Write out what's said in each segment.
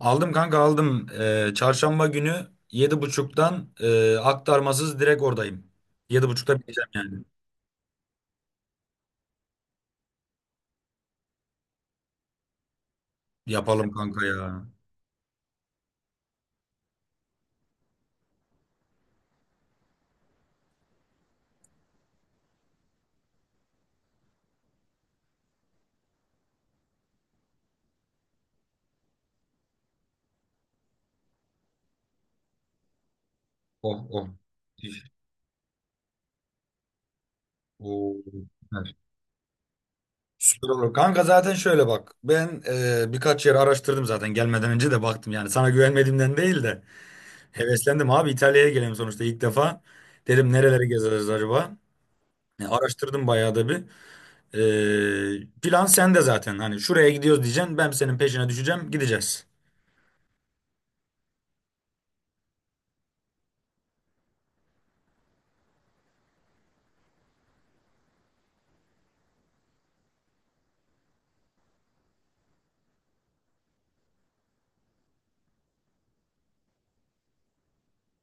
Aldım kanka aldım. Çarşamba günü 7:30'dan aktarmasız direkt oradayım. Yedi buçukta biteceğim yani. Yapalım kanka ya. Oh oh. Müthiş. Oo, süper. Süper olur. Kanka zaten şöyle bak. Ben birkaç yer araştırdım, zaten gelmeden önce de baktım yani. Sana güvenmediğimden değil de heveslendim abi, İtalya'ya gelelim sonuçta ilk defa. Dedim nereleri gezeriz acaba? Araştırdım bayağı da bir. Plan sende zaten. Hani şuraya gidiyoruz diyeceksin. Ben senin peşine düşeceğim. Gideceğiz.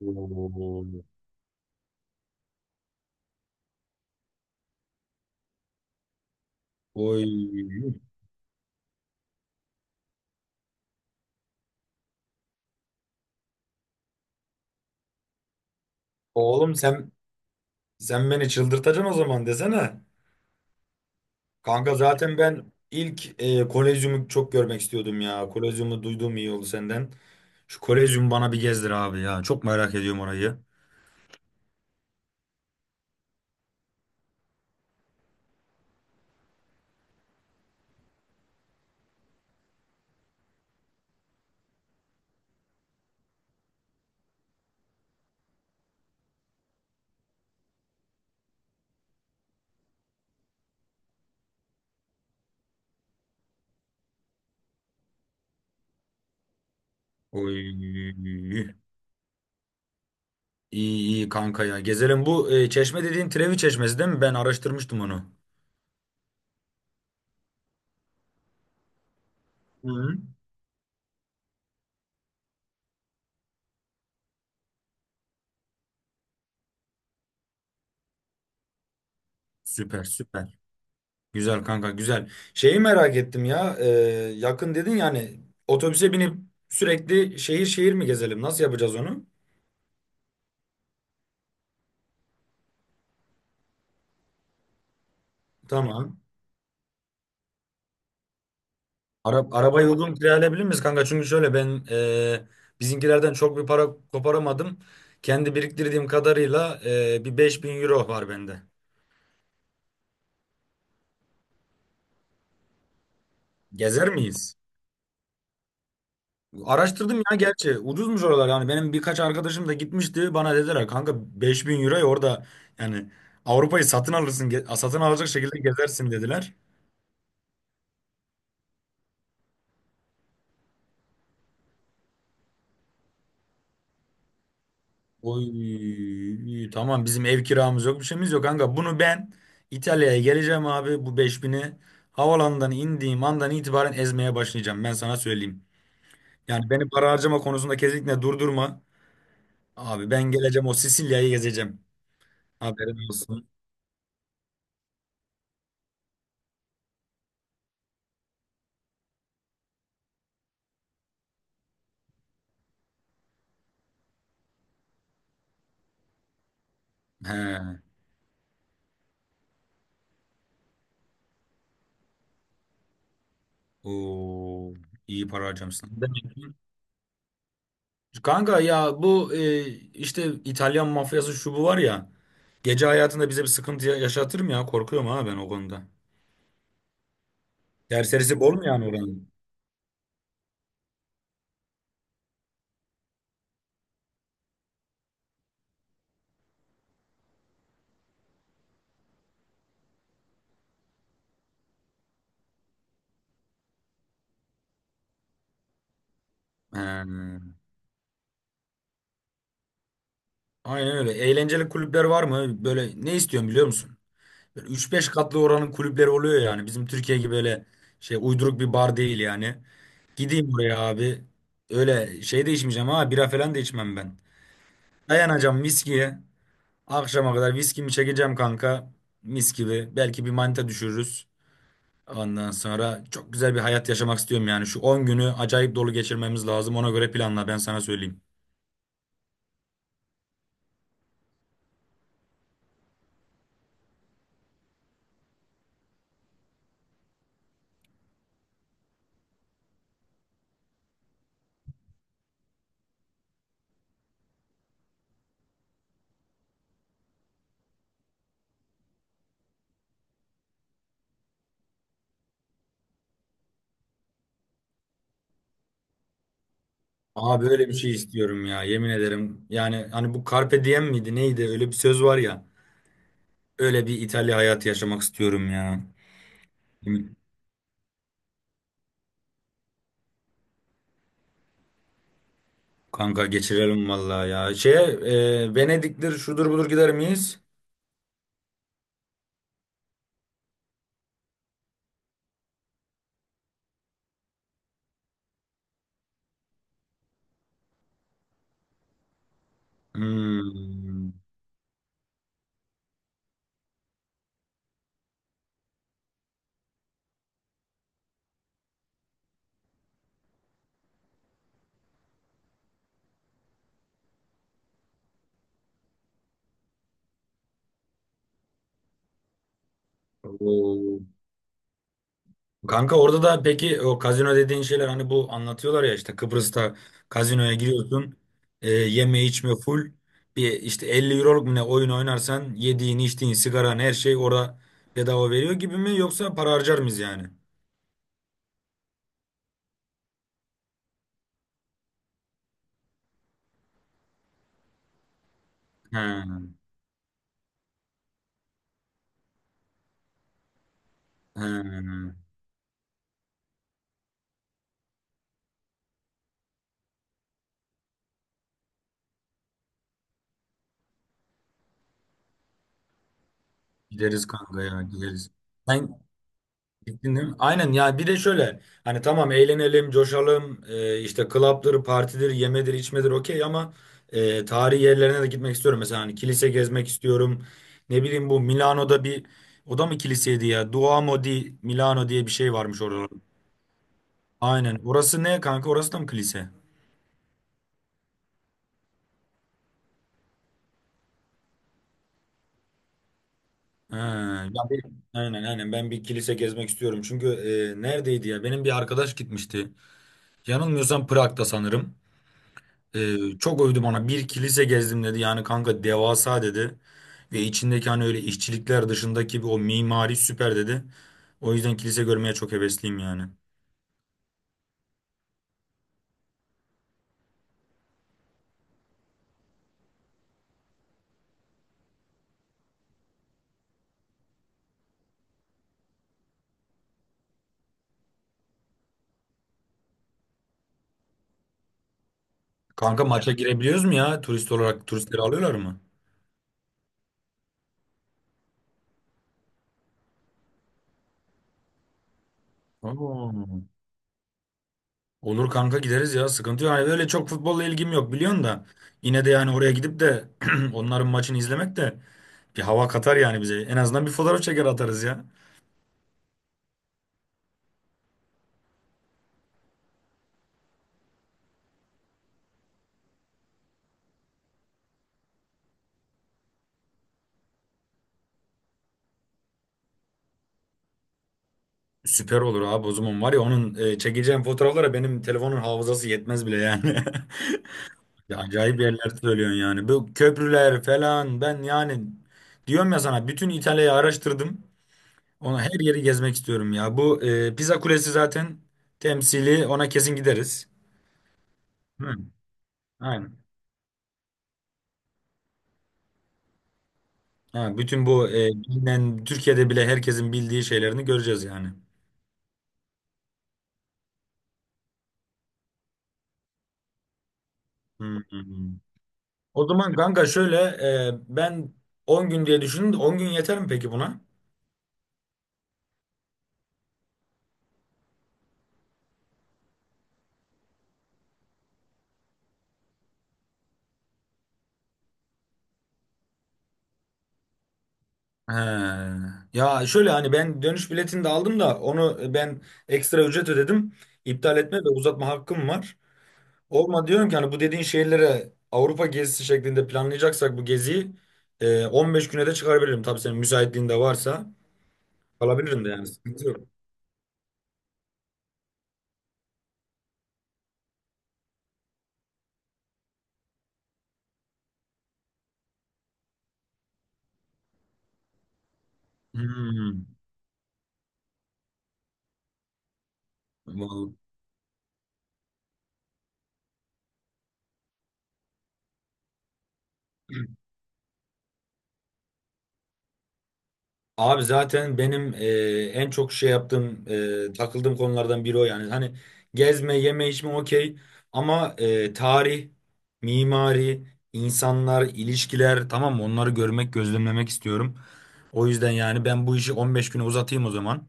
Oo. Oy. Oğlum, sen beni çıldırtacaksın o zaman desene. Kanka zaten ben ilk Kolezyum'u çok görmek istiyordum ya. Kolezyum'u duyduğum iyi oldu senden. Şu Kolezyum bana bir gezdir abi ya. Çok merak ediyorum orayı. Oy. İyi iyi kanka ya. Gezelim, bu çeşme dediğin Trevi Çeşmesi değil mi? Ben araştırmıştım onu. Hı. Süper süper. Güzel kanka güzel. Şeyi merak ettim ya. Yakın dedin yani, otobüse binip sürekli şehir şehir mi gezelim? Nasıl yapacağız onu? Tamam. Arabayı uygun kiralayabilir miyiz kanka? Çünkü şöyle, ben bizimkilerden çok bir para koparamadım. Kendi biriktirdiğim kadarıyla bir 5.000 euro var bende. Gezer miyiz? Araştırdım ya gerçi. Ucuzmuş oralar yani. Benim birkaç arkadaşım da gitmişti. Bana dediler kanka, 5.000 euroya orada yani Avrupa'yı satın alırsın, satın alacak şekilde gezersin dediler. Oy, tamam, bizim ev kiramız yok, bir şeyimiz yok kanka. Bunu ben İtalya'ya geleceğim abi, bu 5.000'i havalandan indiğim andan itibaren ezmeye başlayacağım, ben sana söyleyeyim. Yani beni para harcama konusunda kesinlikle durdurma. Abi ben geleceğim, o Sicilya'yı gezeceğim. Haberin olsun. He. Oo, iyi para harcamışsın. Demek ki- Kanka ya, bu işte İtalyan mafyası şu bu var ya. Gece hayatında bize bir sıkıntı yaşatır mı ya? Korkuyorum ha ben o konuda. Serserisi bol mu yani oranın? Ee, aynen öyle. Eğlenceli kulüpler var mı? Böyle ne istiyorum biliyor musun? Böyle 3-5 katlı oranın kulüpleri oluyor yani. Bizim Türkiye gibi böyle şey uyduruk bir bar değil yani. Gideyim oraya abi. Öyle şey de içmeyeceğim ha. Bira falan da içmem ben. Dayanacağım viskiye. Akşama kadar viskimi çekeceğim kanka. Mis gibi. Belki bir manita düşürürüz. Ondan sonra çok güzel bir hayat yaşamak istiyorum yani. Şu 10 günü acayip dolu geçirmemiz lazım. Ona göre planla, ben sana söyleyeyim. Abi böyle bir şey istiyorum ya, yemin ederim. Yani hani bu Carpe diem miydi neydi, öyle bir söz var ya. Öyle bir İtalya hayatı yaşamak istiyorum ya. Kanka geçirelim vallahi ya. Şeye, Venedik'tir şudur budur, gider miyiz? Hmm. Oo. Kanka orada da peki o kazino dediğin şeyler, hani bu anlatıyorlar ya, işte Kıbrıs'ta kazinoya giriyorsun, yeme içme full bir, işte 50 euroluk mu ne oyun oynarsan yediğin içtiğin sigaran her şey orada bedava veriyor gibi mi, yoksa para harcar mıyız yani? He, he. Gideriz kanka ya, gideriz. Sen, dinledim. Aynen ya, bir de şöyle, hani tamam, eğlenelim, coşalım, işte club'dır, partidir, yemedir, içmedir, okey ama tarihi yerlerine de gitmek istiyorum. Mesela hani kilise gezmek istiyorum. Ne bileyim, bu Milano'da bir, o da mı kiliseydi ya? Duomo di Milano diye bir şey varmış orada. Aynen. Orası ne kanka? Orası da mı kilise? Ha, ya aynen aynen ben bir kilise gezmek istiyorum. Çünkü neredeydi ya? Benim bir arkadaş gitmişti. Yanılmıyorsam Prag'da sanırım. Çok övdü bana. Bir kilise gezdim dedi. Yani kanka devasa dedi. Ve içindeki hani öyle işçilikler dışındaki bir o mimari süper dedi. O yüzden kilise görmeye çok hevesliyim yani. Kanka ya, maça girebiliyoruz mu ya? Turist olarak turistleri alıyorlar mı? Oo. Olur kanka, gideriz ya. Sıkıntı yok. Hani öyle çok futbolla ilgim yok, biliyorsun da. Yine de yani oraya gidip de onların maçını izlemek de bir hava katar yani bize. En azından bir fotoğraf çeker atarız ya. Süper olur abi, o zaman var ya onun çekeceğim fotoğraflara benim telefonun hafızası yetmez bile yani. Ya acayip yerler söylüyorsun yani. Bu köprüler falan, ben yani diyorum ya sana, bütün İtalya'yı araştırdım. Ona, her yeri gezmek istiyorum ya. Bu Pisa Kulesi zaten temsili, ona kesin gideriz. Hı, aynen. Ha, bütün bu bilinen Türkiye'de bile herkesin bildiği şeylerini göreceğiz yani. Hı, hı, hı. O zaman kanka şöyle, ben 10 gün diye düşündüm, de 10 gün yeter mi peki buna? He. Ya şöyle, hani ben dönüş biletini de aldım da, onu ben ekstra ücret ödedim. İptal etme ve uzatma hakkım var. Olma diyorum ki hani, bu dediğin şehirlere Avrupa gezisi şeklinde planlayacaksak bu geziyi 15 güne de çıkarabilirim. Tabii senin müsaitliğin de varsa kalabilirim de, yani sıkıntı yok. Hmm. Vallahi. Abi zaten benim en çok şey yaptığım, takıldığım konulardan biri o yani. Hani gezme, yeme, içme okey ama tarih, mimari, insanlar, ilişkiler, tamam mı? Onları görmek, gözlemlemek istiyorum. O yüzden yani ben bu işi 15 güne uzatayım o zaman.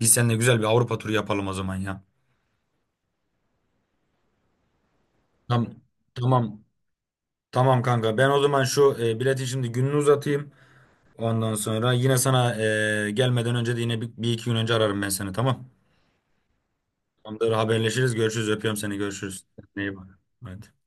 Biz seninle güzel bir Avrupa turu yapalım o zaman ya. Tamam, tamam, tamam kanka. Ben o zaman şu biletin şimdi gününü uzatayım. Ondan sonra yine sana gelmeden önce de yine bir iki gün önce ararım ben seni, tamam. Tamamdır, haberleşiriz. Görüşürüz. Öpüyorum seni. Görüşürüz. Kendine iyi bak. Hadi.